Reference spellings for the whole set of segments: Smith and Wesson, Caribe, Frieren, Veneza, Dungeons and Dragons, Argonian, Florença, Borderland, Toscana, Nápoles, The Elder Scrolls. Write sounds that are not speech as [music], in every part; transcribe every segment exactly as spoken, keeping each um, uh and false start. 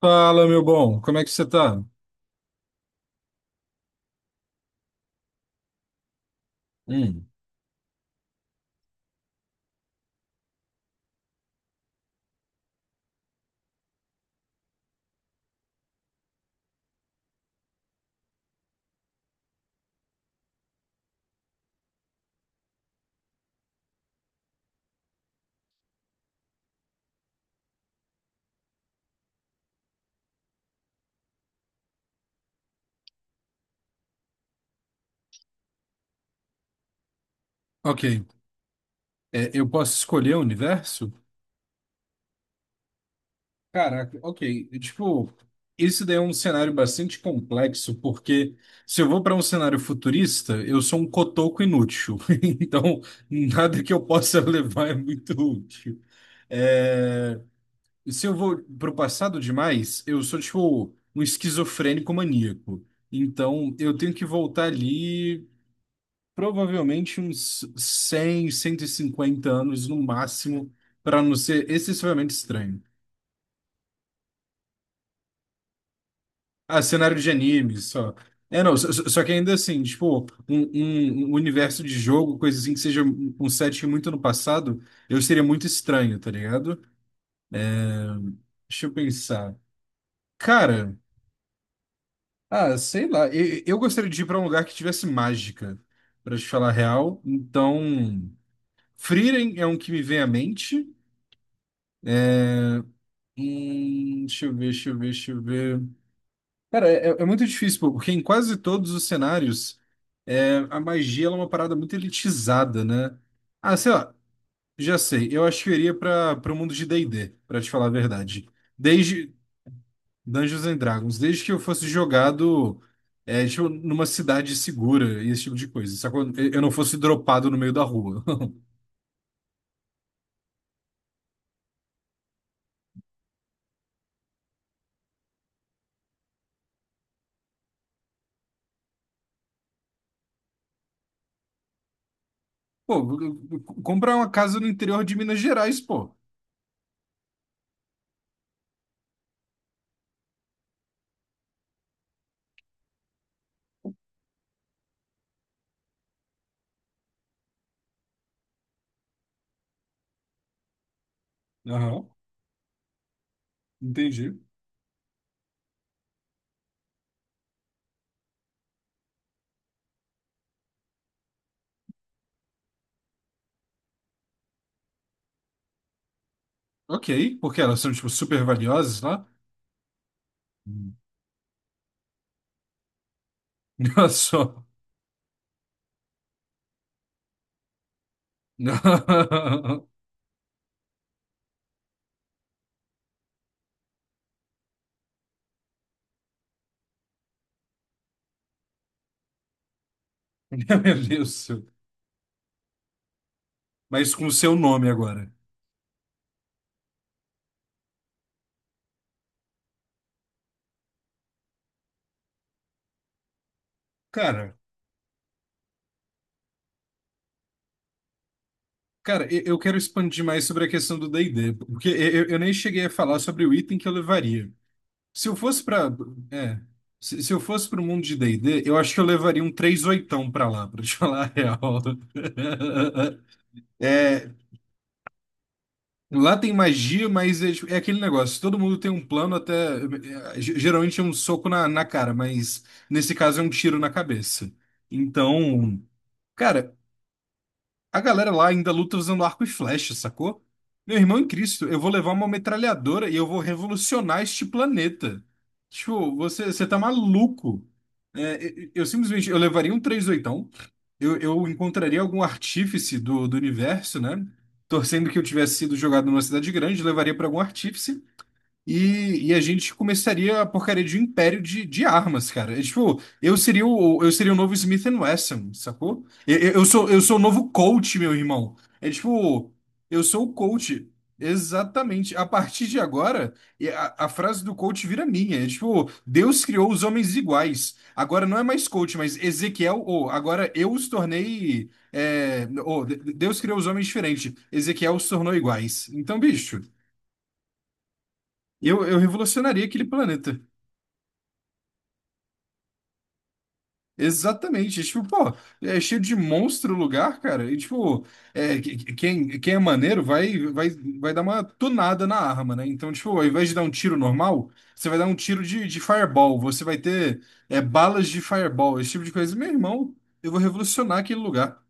Fala, meu bom, como é que você tá? Hum, ok. É, eu posso escolher o universo? Caraca, ok. Tipo, isso daí é um cenário bastante complexo, porque se eu vou para um cenário futurista, eu sou um cotoco inútil. [laughs] Então, nada que eu possa [laughs] levar é muito útil. É, se eu vou pro passado demais, eu sou, tipo, um esquizofrênico maníaco. Então, eu tenho que voltar ali. Provavelmente uns cem, cento e cinquenta anos no máximo, para não ser excessivamente estranho. Ah, cenário de anime, só. É, não, só, só só que ainda assim, tipo, um, um- um universo de jogo, coisa assim, que seja um um setting muito no passado, eu seria muito estranho, tá ligado? Deixa eu pensar. Cara, ah, sei lá, eu, eu gostaria de ir pra um lugar que tivesse mágica, pra te falar a real. Então, Frieren é um que me vem à mente. Hum, deixa eu ver, deixa eu ver, deixa eu ver. Cara, é, é é muito difícil, pô, porque em quase todos os cenários, é, a magia ela é uma parada muito elitizada, né? Ah, sei lá, já sei. Eu acho que eu iria para para o mundo de D e D, para te falar a verdade. Desde Dungeons and Dragons, desde que eu fosse jogado é, tipo, numa cidade segura e esse tipo de coisa, sacou? Eu eu não fosse dropado no meio da rua. [laughs] Pô, comprar uma casa no interior de Minas Gerais, pô. Aham, entendi. Ok, porque elas são, tipo, super valiosas lá. Hum. [laughs] Olha só. [laughs] Não, meu Deus, do céu. Mas com o seu nome agora. Cara, cara, e- eu quero expandir mais sobre a questão do D e D, porque eu, eu- eu nem cheguei a falar sobre o item que eu levaria. Se eu fosse para, é, se, se eu fosse para o mundo de D e D, eu acho que eu levaria um três oitão para lá, para te [laughs] falar a real. [laughs] É, lá tem magia, mas é, tipo, é aquele negócio, todo mundo tem um plano até, é, ge- geralmente é um soco na, na cara, mas nesse caso é um tiro na cabeça. Então, cara, a galera lá ainda luta usando arco e flecha, sacou? Meu irmão em Cristo, eu vou levar uma metralhadora e eu vou revolucionar este planeta. Tipo, você, você tá maluco. É, eu, eu simplesmente, eu levaria um três oitão. eu, eu encontraria algum artífice do, do universo, né? Torcendo que eu tivesse sido jogado numa cidade grande, levaria pra algum artífice e, e a gente começaria a porcaria de um império de, de armas, cara. É, tipo, eu seria o, eu seria o novo Smith and Wesson, sacou? Eu, eu eu sou, eu sou o novo coach meu irmão. É tipo, eu sou o coach. Exatamente. A partir de agora, e a, a frase do coach vira minha. É tipo, Deus criou os homens iguais. Agora não é mais coach, mas Ezequiel, ou agora eu os tornei. É, ou, de- Deus criou os homens diferentes. Ezequiel os tornou iguais. Então, bicho. Eu, eu revolucionaria aquele planeta. Exatamente. Tipo, pô, é cheio de monstro o lugar, cara. E, tipo, é, que- que- quem, quem é maneiro vai, vai, vai dar uma tunada na arma, né? Então, tipo, ao invés de dar um tiro normal, você vai dar um tiro de, de fireball. Você vai ter é, balas de fireball, esse tipo de coisa. Meu irmão, eu vou revolucionar aquele lugar.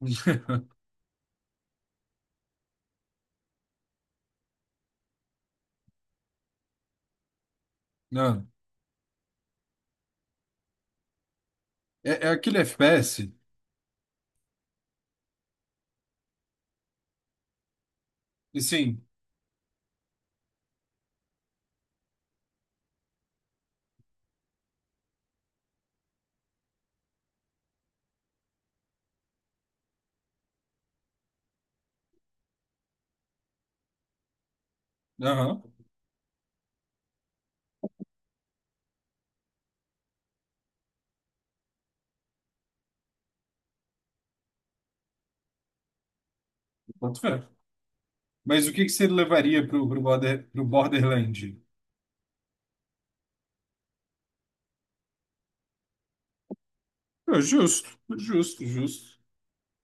[laughs] Não, é, é aquele F P S. E sim, aham, boto fé. Mas o que que você levaria pro, pro, border, pro Borderland? Pô, justo, justo, justo.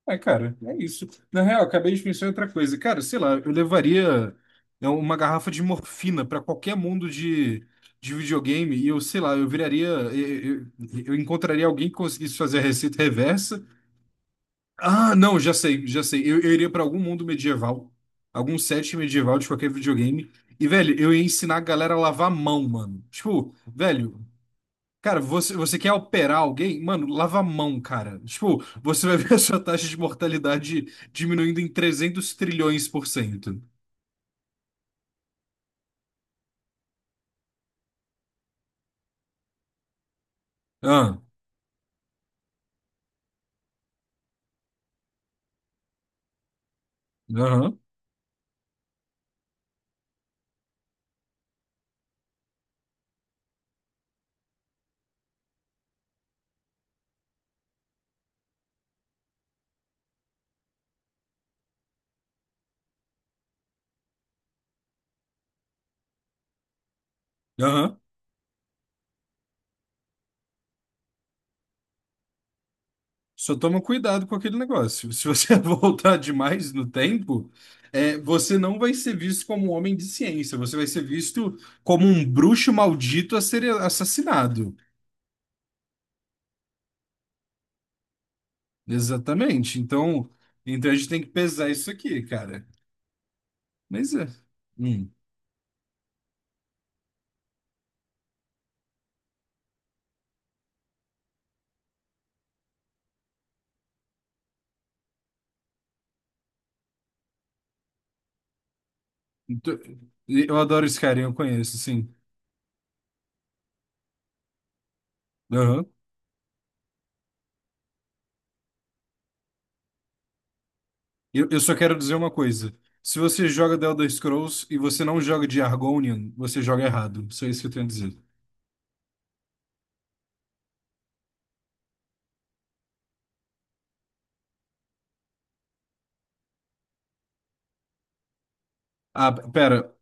É, cara, é isso. Na real, acabei de pensar em outra coisa. Cara, sei lá, eu levaria é, uma garrafa de morfina para qualquer mundo de, de videogame e eu, sei lá, eu viraria. Eu, eu- eu encontraria alguém que conseguisse fazer a receita reversa. Ah, não, já sei, já sei. Eu, eu iria para algum mundo medieval, algum set medieval de qualquer videogame. E, velho, eu ia ensinar a galera a lavar a mão, mano. Tipo, velho. Cara, você, você quer operar alguém? Mano, lava a mão, cara. Tipo, você vai ver a sua taxa de mortalidade diminuindo em trezentos trilhões por cento. Ah, aham, aham. Só toma cuidado com aquele negócio. Se você [laughs] voltar demais no tempo, é, você não vai ser visto como um homem de ciência. Você vai ser visto como um bruxo maldito a ser assassinado. Exatamente. Então, então a gente tem que pesar isso aqui, cara. Mas é. Hum. Então, eu adoro Skyrim, eu conheço, sim. Aham. Eu, eu só quero dizer uma coisa. Se você joga The Elder Scrolls e você não joga de Argonian, você joga errado. Só isso que eu tenho a dizer. Ah, pera,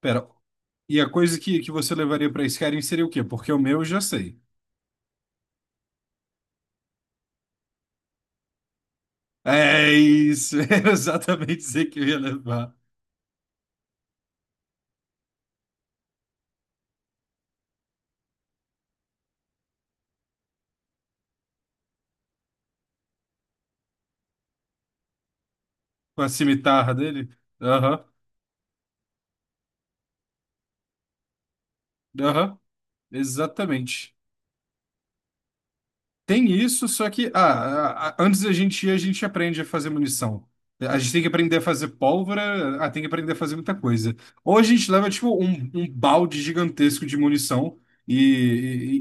pera. E a coisa que, que você levaria pra Skyrim seria o quê? Porque o meu eu já sei. É isso, [laughs] era exatamente isso que eu ia levar. Com a cimitarra dele? Aham, aham, exatamente. Tem isso, só que ah, a- a- antes da gente ir, a gente aprende a fazer munição. A gente tem que aprender a fazer pólvora, ah, tem que aprender a fazer muita coisa. Ou a gente leva, tipo, um, um balde gigantesco de munição e,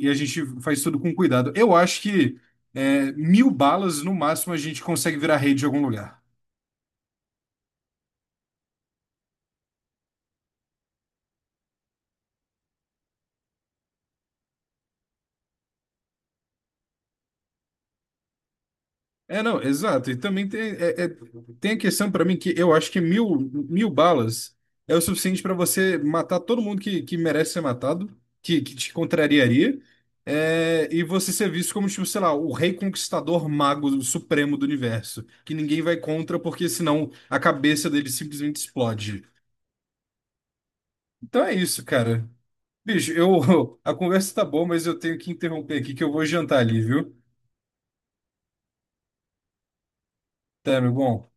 e- e a gente faz tudo com cuidado. Eu acho que é, mil balas, no máximo, a gente consegue virar rei de algum lugar. É, não, exato. E também tem, é- é- tem a questão para mim que eu acho que mil, mil balas é o suficiente para você matar todo mundo que, que merece ser matado, que, que te contrariaria, é, e você ser visto como, tipo, sei lá, o rei conquistador mago supremo do universo, que ninguém vai contra porque senão a cabeça dele simplesmente explode. Então é isso, cara. Bicho, eu, [laughs] a conversa tá boa, mas eu tenho que interromper aqui que eu vou jantar ali, viu? Tá, meu bom?